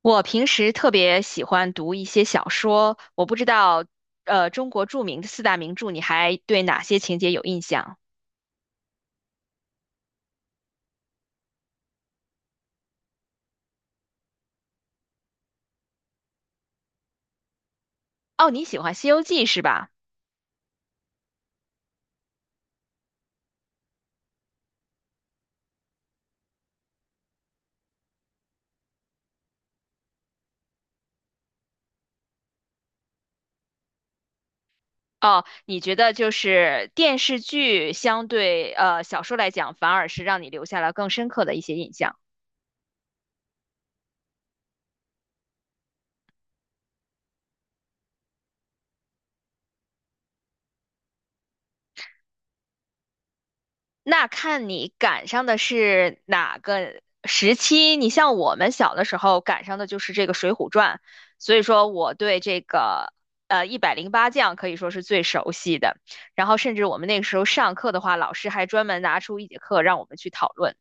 我平时特别喜欢读一些小说，我不知道，中国著名的四大名著，你还对哪些情节有印象？哦，你喜欢《西游记》是吧？哦，你觉得就是电视剧相对小说来讲，反而是让你留下了更深刻的一些印象。那看你赶上的是哪个时期。你像我们小的时候赶上的就是这个《水浒传》，所以说我对这个一百零八将可以说是最熟悉的。然后甚至我们那个时候上课的话，老师还专门拿出一节课让我们去讨论。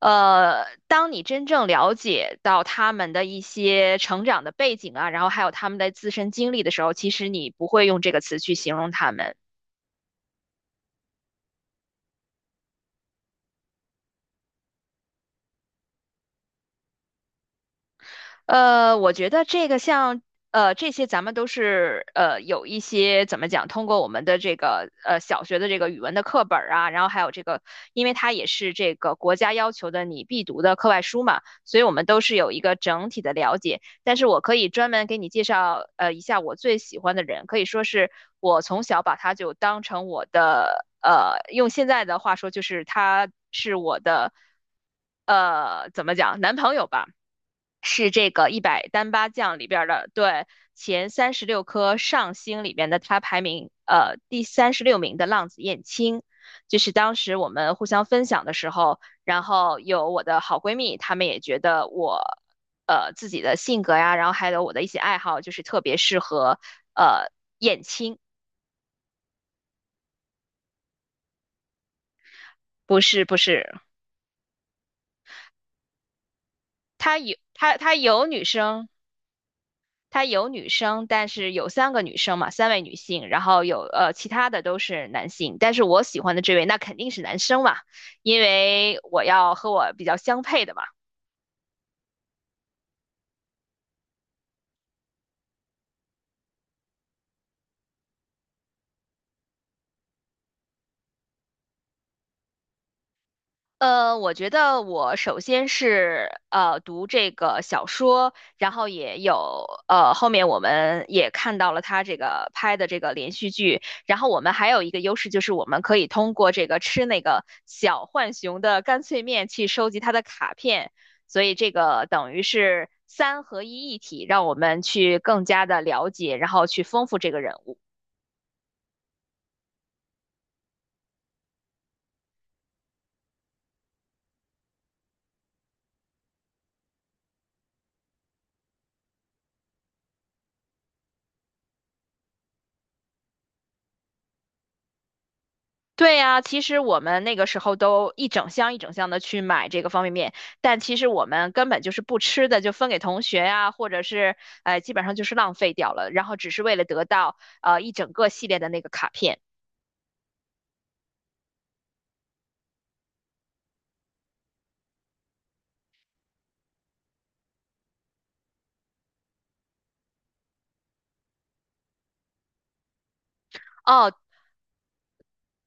当你真正了解到他们的一些成长的背景啊，然后还有他们的自身经历的时候，其实你不会用这个词去形容他们。我觉得这个像这些，咱们都是有一些怎么讲，通过我们的这个小学的这个语文的课本儿啊，然后还有这个，因为它也是这个国家要求的你必读的课外书嘛，所以我们都是有一个整体的了解。但是我可以专门给你介绍一下我最喜欢的人，可以说是我从小把他就当成我的用现在的话说就是他是我的怎么讲男朋友吧。是这个一百单八将里边儿的，对，前三十六颗上星里边的，他排名第三十六名的浪子燕青，就是当时我们互相分享的时候，然后有我的好闺蜜，她们也觉得我自己的性格呀，然后还有我的一些爱好，就是特别适合呃燕青，不是不是，她有她她有女生他有女生，但是有三个女生嘛，三位女性，然后有其他的都是男性，但是我喜欢的这位那肯定是男生嘛，因为我要和我比较相配的嘛。我觉得我首先是读这个小说，然后也有后面我们也看到了他这个拍的这个连续剧，然后我们还有一个优势就是我们可以通过这个吃那个小浣熊的干脆面去收集他的卡片，所以这个等于是三合一一体，让我们去更加的了解，然后去丰富这个人物。对呀，其实我们那个时候都一整箱一整箱的去买这个方便面，但其实我们根本就是不吃的，就分给同学呀、或者是基本上就是浪费掉了，然后只是为了得到一整个系列的那个卡片。哦，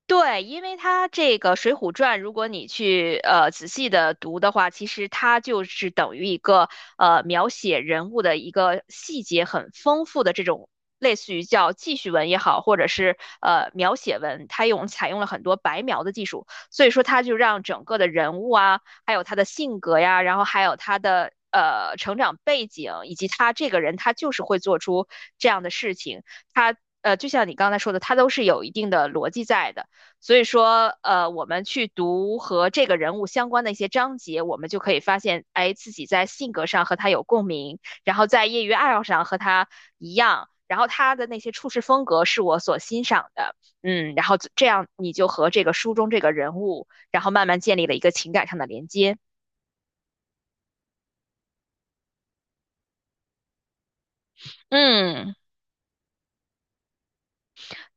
对，因为它这个《水浒传》，如果你去仔细的读的话，其实它就是等于一个描写人物的一个细节很丰富的这种，类似于叫记叙文也好，或者是描写文，它采用了很多白描的技术，所以说它就让整个的人物啊，还有他的性格呀，然后还有他的，成长背景以及他这个人，他就是会做出这样的事情，他就像你刚才说的，他都是有一定的逻辑在的。所以说，我们去读和这个人物相关的一些章节，我们就可以发现，哎，自己在性格上和他有共鸣，然后在业余爱好上和他一样，然后他的那些处事风格是我所欣赏的。嗯，然后这样你就和这个书中这个人物，然后慢慢建立了一个情感上的连接。嗯。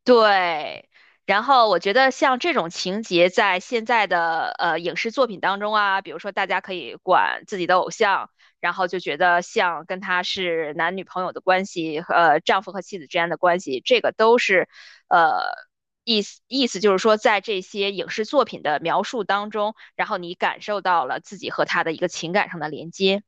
对，然后我觉得像这种情节，在现在的影视作品当中啊，比如说大家可以管自己的偶像，然后就觉得像跟他是男女朋友的关系，呃，丈夫和妻子之间的关系，这个都是呃意思就是说，在这些影视作品的描述当中，然后你感受到了自己和他的一个情感上的连接。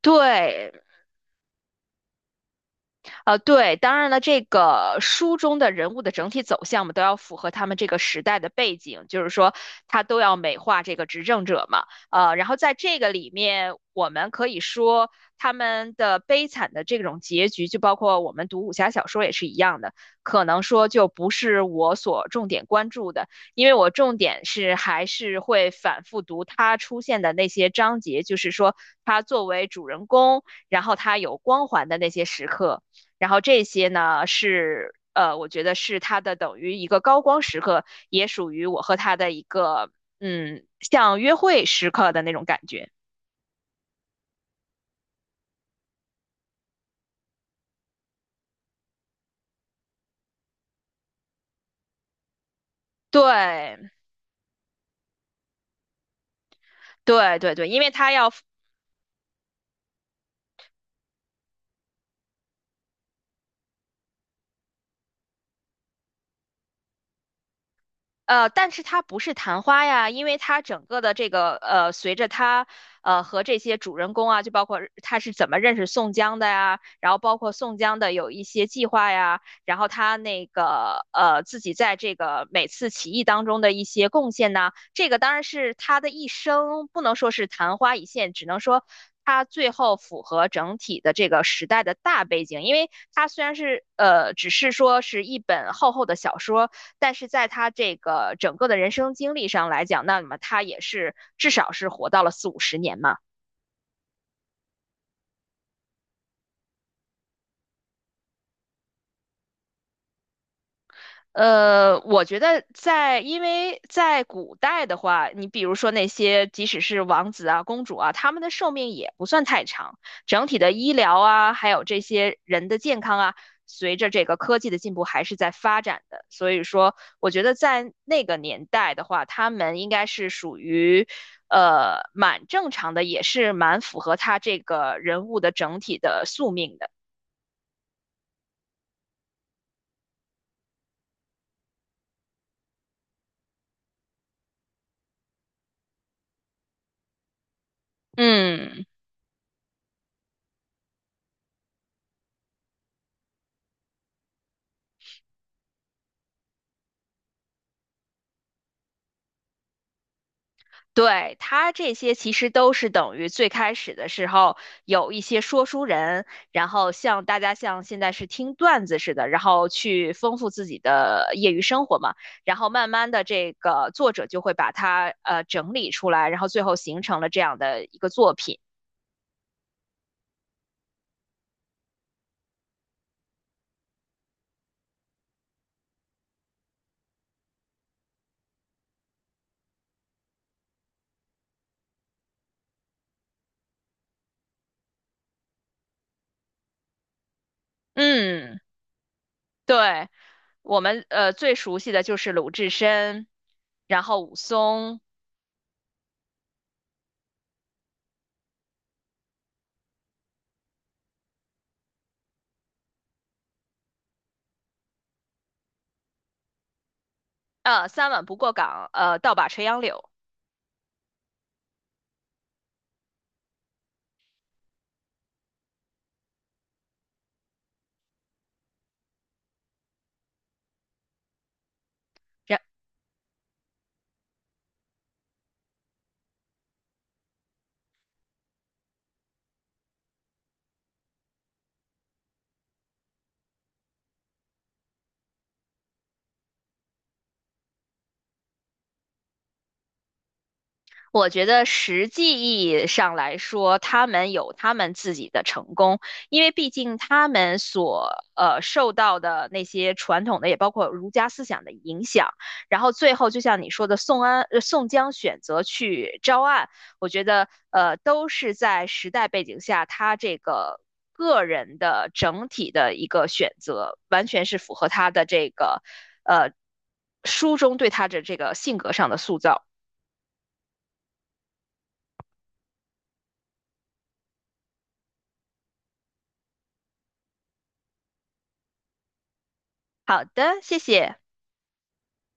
对，对，当然了，这个书中的人物的整体走向嘛，都要符合他们这个时代的背景，就是说他都要美化这个执政者嘛。然后在这个里面，我们可以说他们的悲惨的这种结局，就包括我们读武侠小说也是一样的，可能说就不是我所重点关注的，因为我重点是还是会反复读他出现的那些章节，就是说他作为主人公，然后他有光环的那些时刻。然后这些呢是我觉得是他的等于一个高光时刻，也属于我和他的一个嗯，像约会时刻的那种感觉。对对对对，因为他要但是它不是昙花呀，因为它整个的这个随着他和这些主人公啊，就包括他是怎么认识宋江的呀，然后包括宋江的有一些计划呀，然后他那个自己在这个每次起义当中的一些贡献呐，这个当然是他的一生，不能说是昙花一现，只能说。他最后符合整体的这个时代的大背景，因为它虽然是只是说是一本厚厚的小说，但是在他这个整个的人生经历上来讲，那么他也是至少是活到了四五十年嘛。我觉得在，因为在古代的话，你比如说那些即使是王子啊、公主啊，他们的寿命也不算太长，整体的医疗啊，还有这些人的健康啊，随着这个科技的进步还是在发展的。所以说，我觉得在那个年代的话，他们应该是属于，蛮正常的，也是蛮符合他这个人物的整体的宿命的。嗯。对，他这些其实都是等于最开始的时候有一些说书人，然后像大家像现在是听段子似的，然后去丰富自己的业余生活嘛。然后慢慢的，这个作者就会把它整理出来，然后最后形成了这样的一个作品。嗯，对，我们最熟悉的就是鲁智深，然后武松，三碗不过岗，倒把垂杨柳。然。我觉得实际意义上来说，他们有他们自己的成功，因为毕竟他们所受到的那些传统的，也包括儒家思想的影响，然后最后就像你说的，宋江选择去招安，我觉得都是在时代背景下，他这个个人的整体的一个选择，完全是符合他的这个呃书中对他的这个性格上的塑造。好的，谢谢。